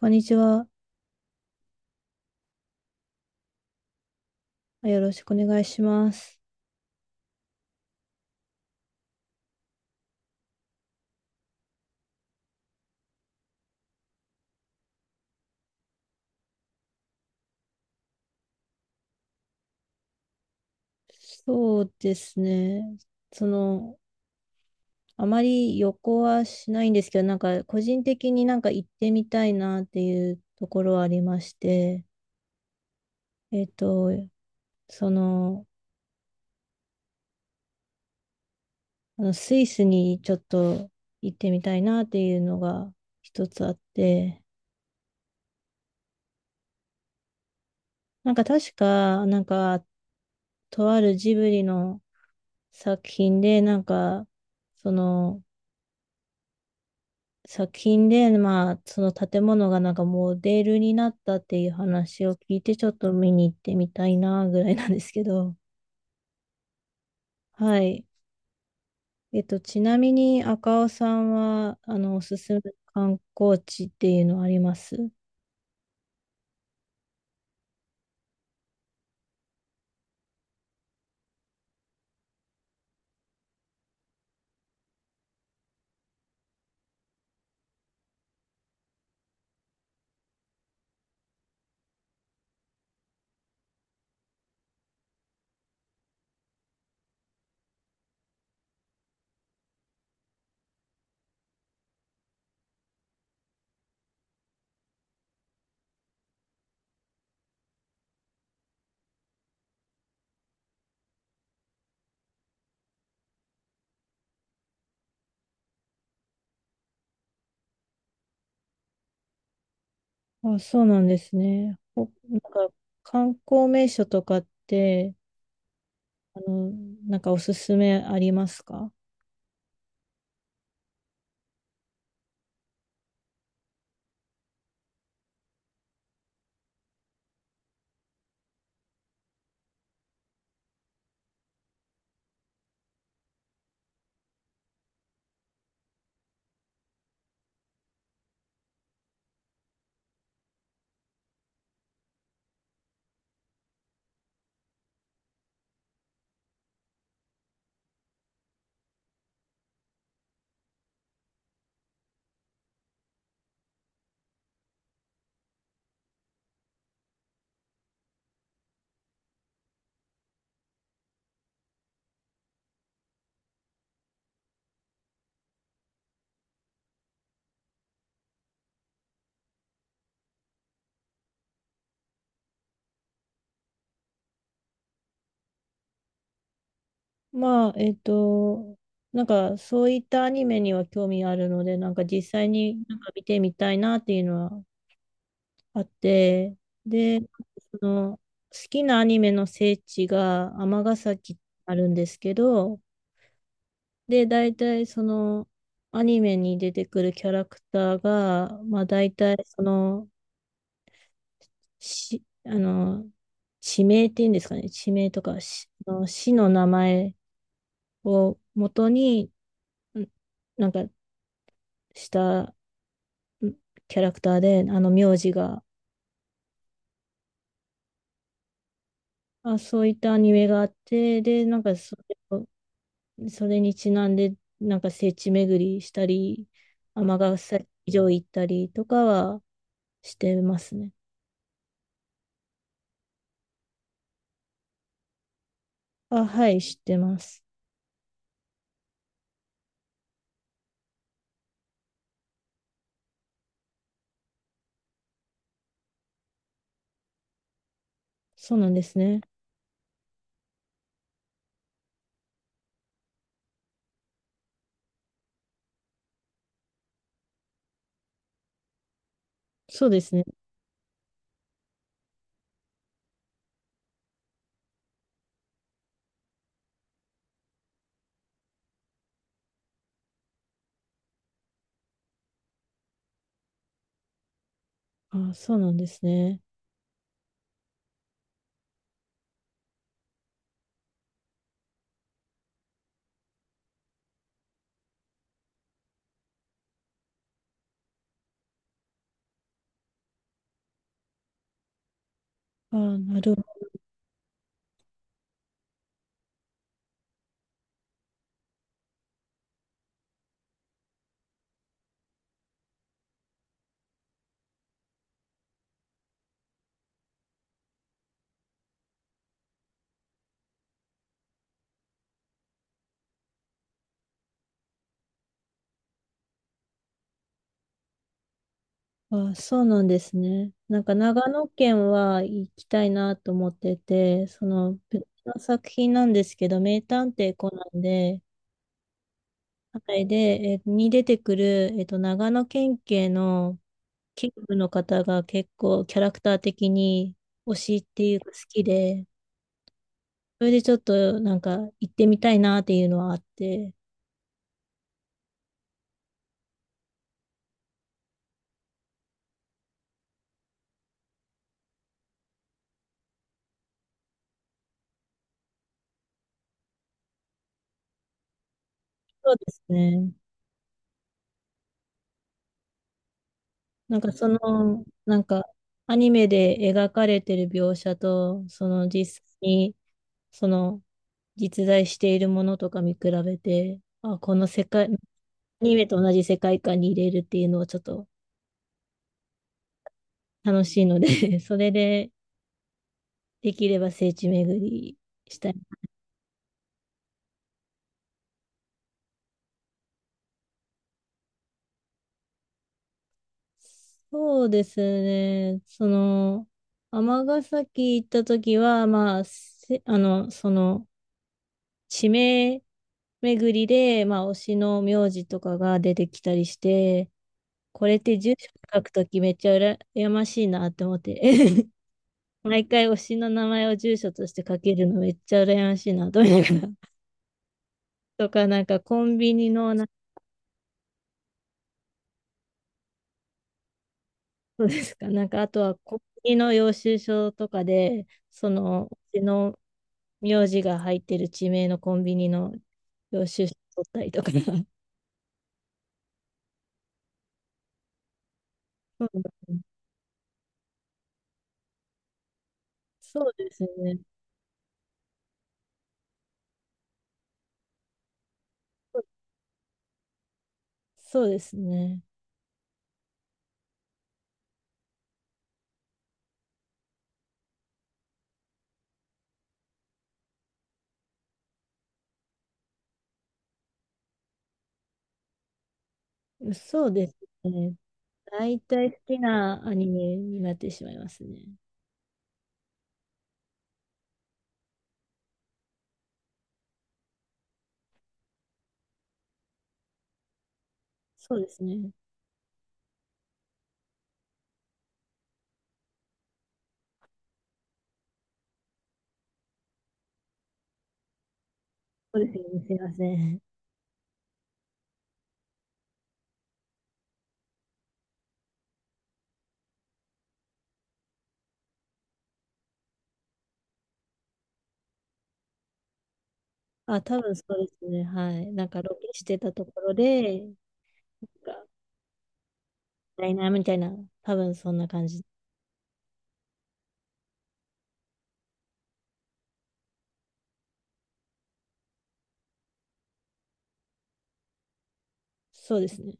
こんにちは。よろしくお願いします。そうですね。その、あまり旅行はしないんですけど、なんか個人的になんか行ってみたいなっていうところはありまして、えっと、その、あのスイスにちょっと行ってみたいなっていうのが一つあって、なんか確か、なんか、とあるジブリの作品で、なんか、その、作品で、まあ、その建物がなんかモデルになったっていう話を聞いて、ちょっと見に行ってみたいなぐらいなんですけど、はい。えっと、ちなみに赤尾さんは、あの、おすすめの観光地っていうのはありますあ、そうなんですね。ほなんか、観光名所とかって、あの、なんかおすすめありますか。まあ、えっと、なんかそういったアニメには興味あるので、なんか実際になんか見てみたいなっていうのはあって、で、その好きなアニメの聖地が尼崎あるんですけど、で、大体そのアニメに出てくるキャラクターが、まあ大体その、し、あの、地名っていうんですかね、地名とか、しあの市の名前を元に、んなんかしたキャラクターで、あの名字が、あ、そういったアニメがあって、で、なんかそれを、それにちなんで、なんか聖地巡りしたり、尼崎城行ったりとかはしてますね。あ、はい、知ってます。そうなんですね。そうですね。あ、そうなんですね。あ、なるほど。あ、そうなんですね。なんか長野県は行きたいなと思ってて、その別の作品なんですけど、名探偵コナンで、はい。で、えーに出てくる、えっと、長野県警の警部の方が結構キャラクター的に推しっていうか好きで、それでちょっとなんか行ってみたいなっていうのはあって、そうですね。なんかアニメで描かれてる描写と、その実際に、その実在しているものとか見比べて、あ、この世界、アニメと同じ世界観に入れるっていうのはちょっと楽しいので それで、できれば聖地巡りしたい。そうですね。その、尼崎行った時は、まあ、その、地名巡りで、まあ、推しの名字とかが出てきたりして、これって住所書くときめっちゃ羨やましいなって思って、毎回推しの名前を住所として書けるのめっちゃ羨ましいなと思いながら。とか、なんかコンビニのなんそうですか。なんか、あとは、国旗の領収書とかで、その、うちの名字が入ってる地名のコンビニの領収書取ったりとか。そうそうですね。そうですね。そうですね。大体好きなアニメになってしまいますね。そうですね。そうですね。すいません。あ、多分そうですね。はい。なんかロケしてたところで、なんかダイナーみたいな、多分そんな感じ。そうですね。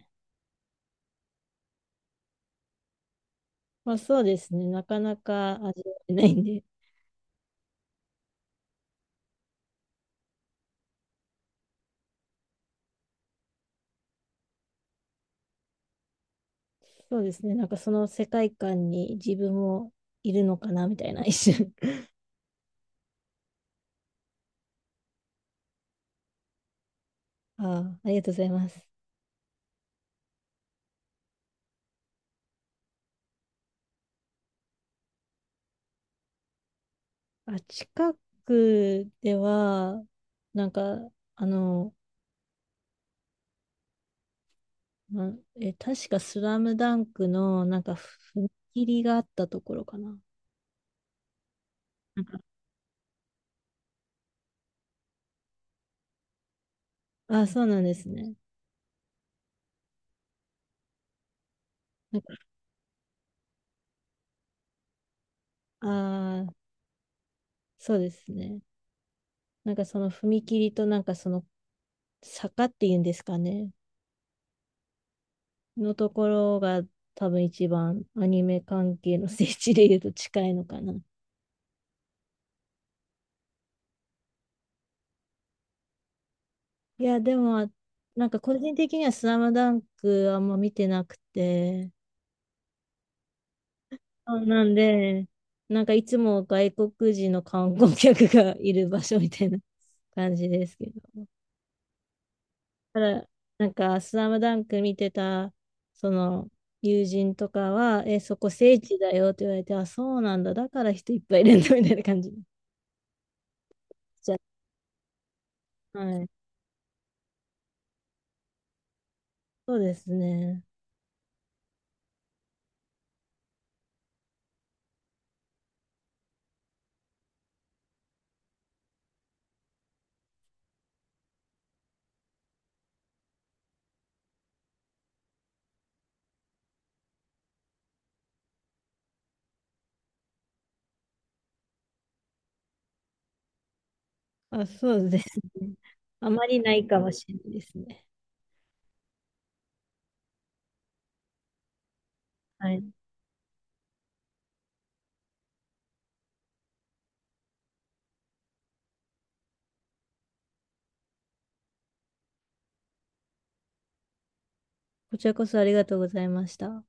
まあそうですね。なかなか味わえないんで。そうですね。なんかその世界観に自分もいるのかなみたいな一瞬。ああ、ありがとうございます。あ、近くでは、なんか、あの、ま、確かスラムダンクのなんか踏切があったところかな。なんか、あ、そうなんですね。なんか、ああ、そうですね。なんかその踏切となんかその坂っていうんですかね。のところが多分一番アニメ関係の聖地で言うと近いのかな。いや、でも、なんか個人的にはスラムダンクあんま見てなくて、そうなんで、なんかいつも外国人の観光客がいる場所みたいな感じですけど。ただ、なんかスラムダンク見てた、その、友人とかは、え、そこ聖地だよって言われて、あ、そうなんだ、だから人いっぱいいるんだみたいな感じになっちゃう。はい。そうですね。あ、そうですね。あまりないかもしれないですね。はい。こちらこそありがとうございました。